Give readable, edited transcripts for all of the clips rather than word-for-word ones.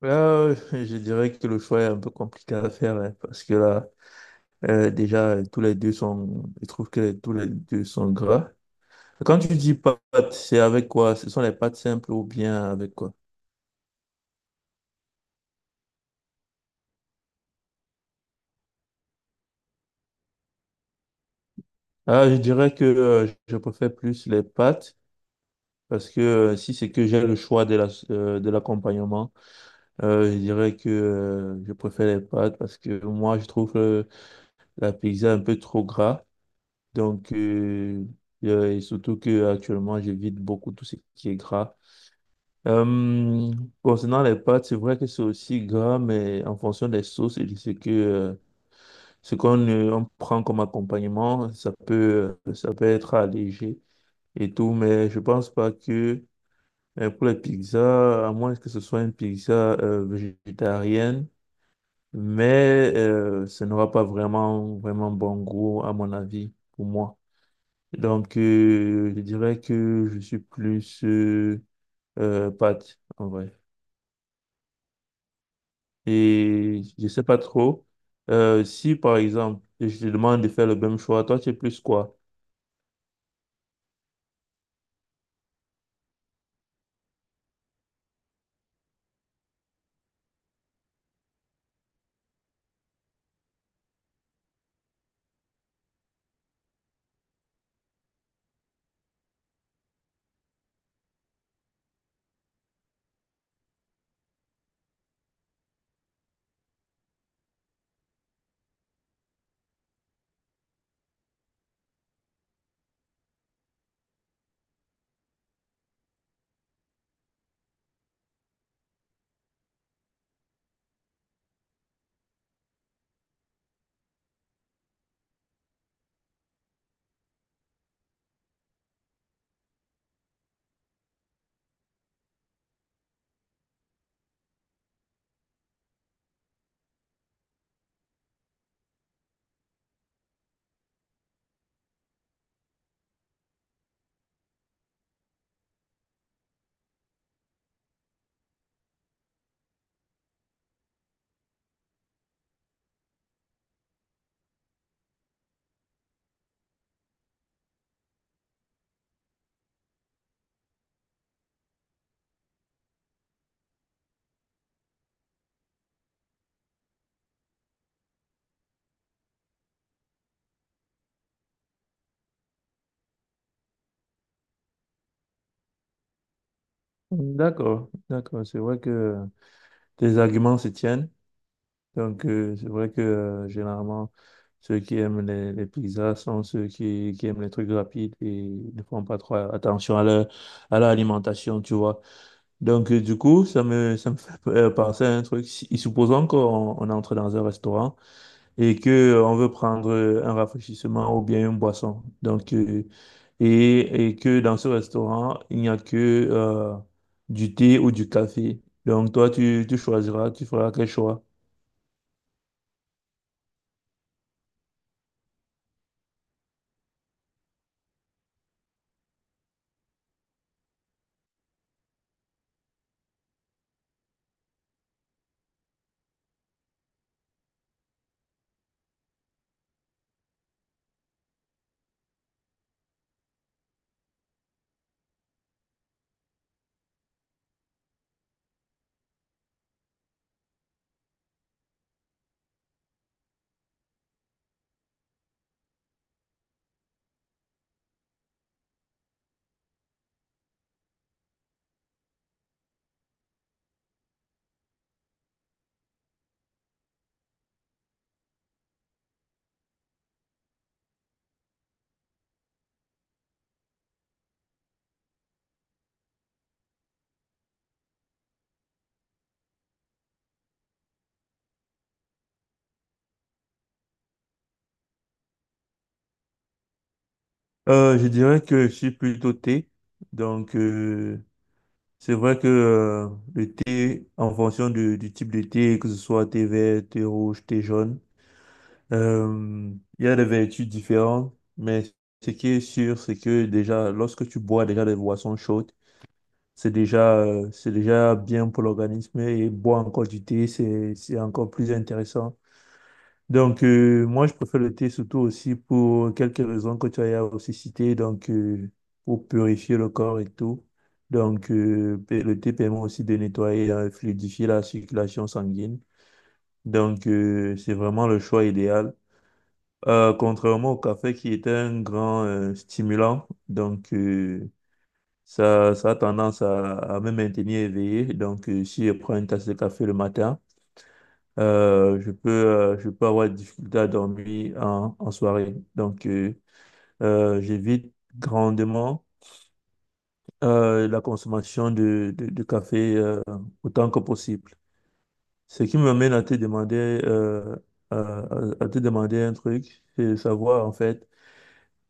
Là, je dirais que le choix est un peu compliqué à faire hein, parce que là, déjà, tous les deux sont, je trouve que tous les deux sont gras. Quand tu dis pâtes, c'est avec quoi? Ce sont les pâtes simples ou bien avec quoi? Ah, je dirais que je préfère plus les pâtes parce que si c'est que j'ai le choix de la, de l'accompagnement, je dirais que je préfère les pâtes parce que moi, je trouve la pizza un peu trop gras. Donc, et surtout que actuellement, j'évite beaucoup tout ce qui est gras. Euh, Concernant les pâtes, c'est vrai que c'est aussi gras, mais en fonction des sauces et de ce que ce qu'on on prend comme accompagnement, ça peut être allégé et tout, mais je pense pas que pour les pizzas, à moins que ce soit une pizza végétarienne, mais ça n'aura pas vraiment vraiment bon goût à mon avis pour moi. Donc, je dirais que je suis plus pâte, en vrai. Et je sais pas trop. Si, par exemple, je te demande de faire le même choix, toi, tu es plus quoi? D'accord, d'accord. C'est vrai que tes arguments se tiennent. Donc, c'est vrai que généralement, ceux qui aiment les pizzas sont ceux qui aiment les trucs rapides et ne font pas trop attention à leur alimentation, tu vois. Donc, du coup, ça me, ça me fait penser à un truc. Supposons qu'on on entre dans un restaurant et que on veut prendre un rafraîchissement ou bien une boisson. Donc, et que dans ce restaurant, il n'y a que euh, du thé ou du café. Donc, toi, tu choisiras, tu feras quel choix? Je dirais que je suis plutôt thé. Donc, c'est vrai que le thé, en fonction du type de thé, que ce soit thé vert, thé rouge, thé jaune, Euh, il y a des vertus différentes, mais ce qui est sûr, c'est que déjà, lorsque tu bois déjà des boissons chaudes, c'est déjà bien pour l'organisme et boire encore du thé, c'est encore plus intéressant. Donc, moi, je préfère le thé surtout aussi pour quelques raisons que tu as aussi citées, donc pour purifier le corps et tout. Donc, et le thé permet aussi de nettoyer et fluidifier la circulation sanguine. Donc, c'est vraiment le choix idéal. Contrairement au café qui était un grand stimulant, donc ça, ça a tendance à me maintenir éveillé. Donc si je prends une tasse de café le matin, je peux avoir des difficultés à dormir en, en soirée. Donc j'évite grandement la consommation de café autant que possible. Ce qui me mène à te demander, à, à te demander un truc, c'est savoir en fait.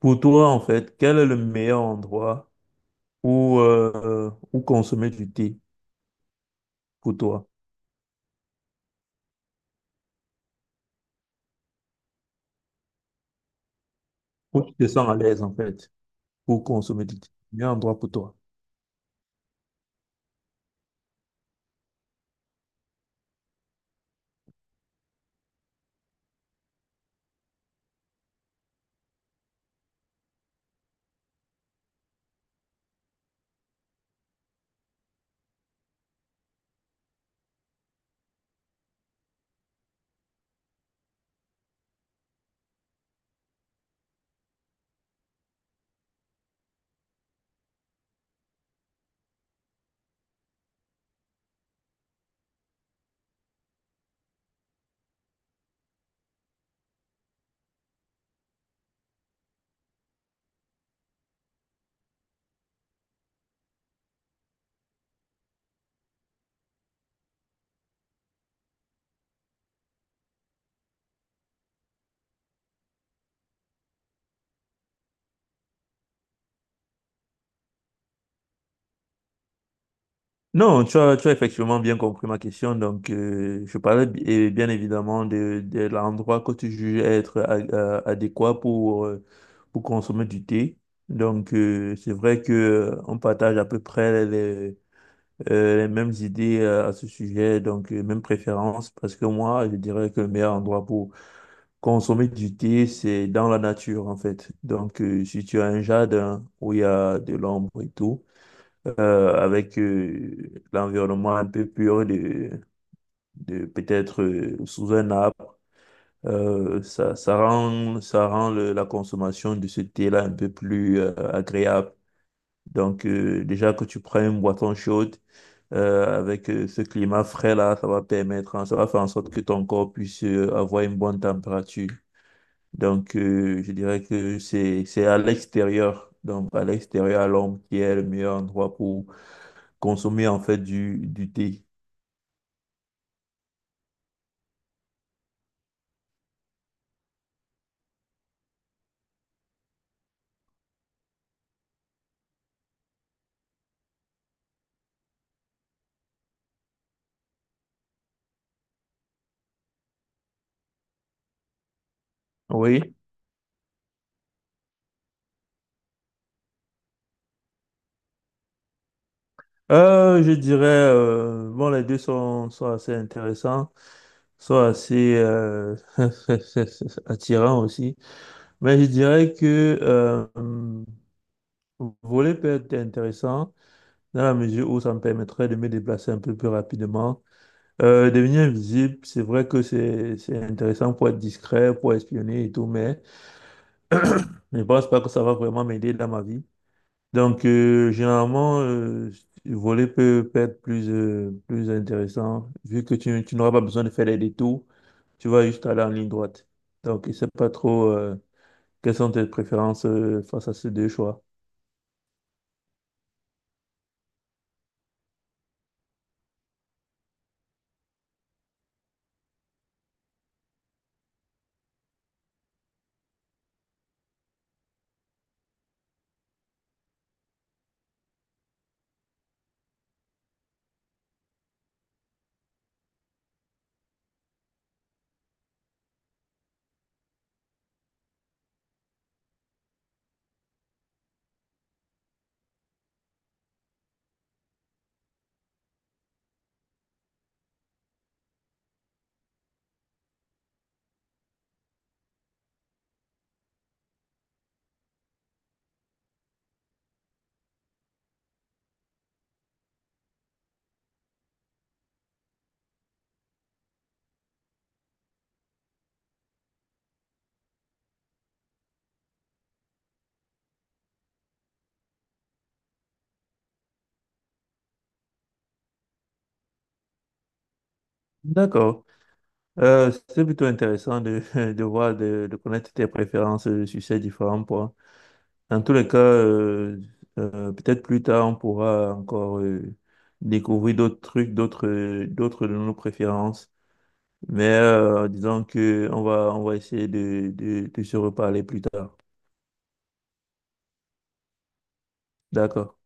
Pour toi, en fait, quel est le meilleur endroit où, où consommer du thé pour toi? Où tu te sens à l'aise, en fait, pour consommer du thé? Le meilleur endroit pour toi. Non, tu as effectivement bien compris ma question. Donc, je parlais et bien évidemment de l'endroit que tu juges être adéquat pour consommer du thé. Donc, c'est vrai que on partage à peu près les mêmes idées à ce sujet, donc mêmes préférences, parce que moi, je dirais que le meilleur endroit pour consommer du thé, c'est dans la nature, en fait. Donc, si tu as un jardin où il y a de l'ombre et tout avec l'environnement un peu pur de peut-être sous un arbre. Ça, ça rend, ça rend la consommation de ce thé-là un peu plus agréable. Donc, déjà que tu prends une boisson chaude avec ce climat frais-là, ça va permettre, hein, ça va faire en sorte que ton corps puisse avoir une bonne température. Donc, je dirais que c'est à l'extérieur, donc à l'extérieur, à l'ombre, qui est le meilleur endroit pour consommer en fait du thé. Oui. Je dirais, bon, les deux sont, sont assez intéressants, sont assez attirants aussi. Mais je dirais que voler peut être intéressant dans la mesure où ça me permettrait de me déplacer un peu plus rapidement. Devenir invisible, c'est vrai que c'est intéressant pour être discret, pour espionner et tout, mais je ne pense pas que ça va vraiment m'aider dans ma vie. Donc, généralement, le volet peut, peut être plus, plus intéressant, vu que tu n'auras pas besoin de faire des détours, tu vas juste aller en ligne droite. Donc, je ne sais pas trop quelles sont tes préférences face à ces deux choix. D'accord. C'est plutôt intéressant de, de voir, de connaître tes préférences sur ces différents points. Dans tous les cas, peut-être plus tard, on pourra encore découvrir d'autres trucs, d'autres, d'autres de nos préférences. Mais disons que on va essayer de se reparler plus tard. D'accord.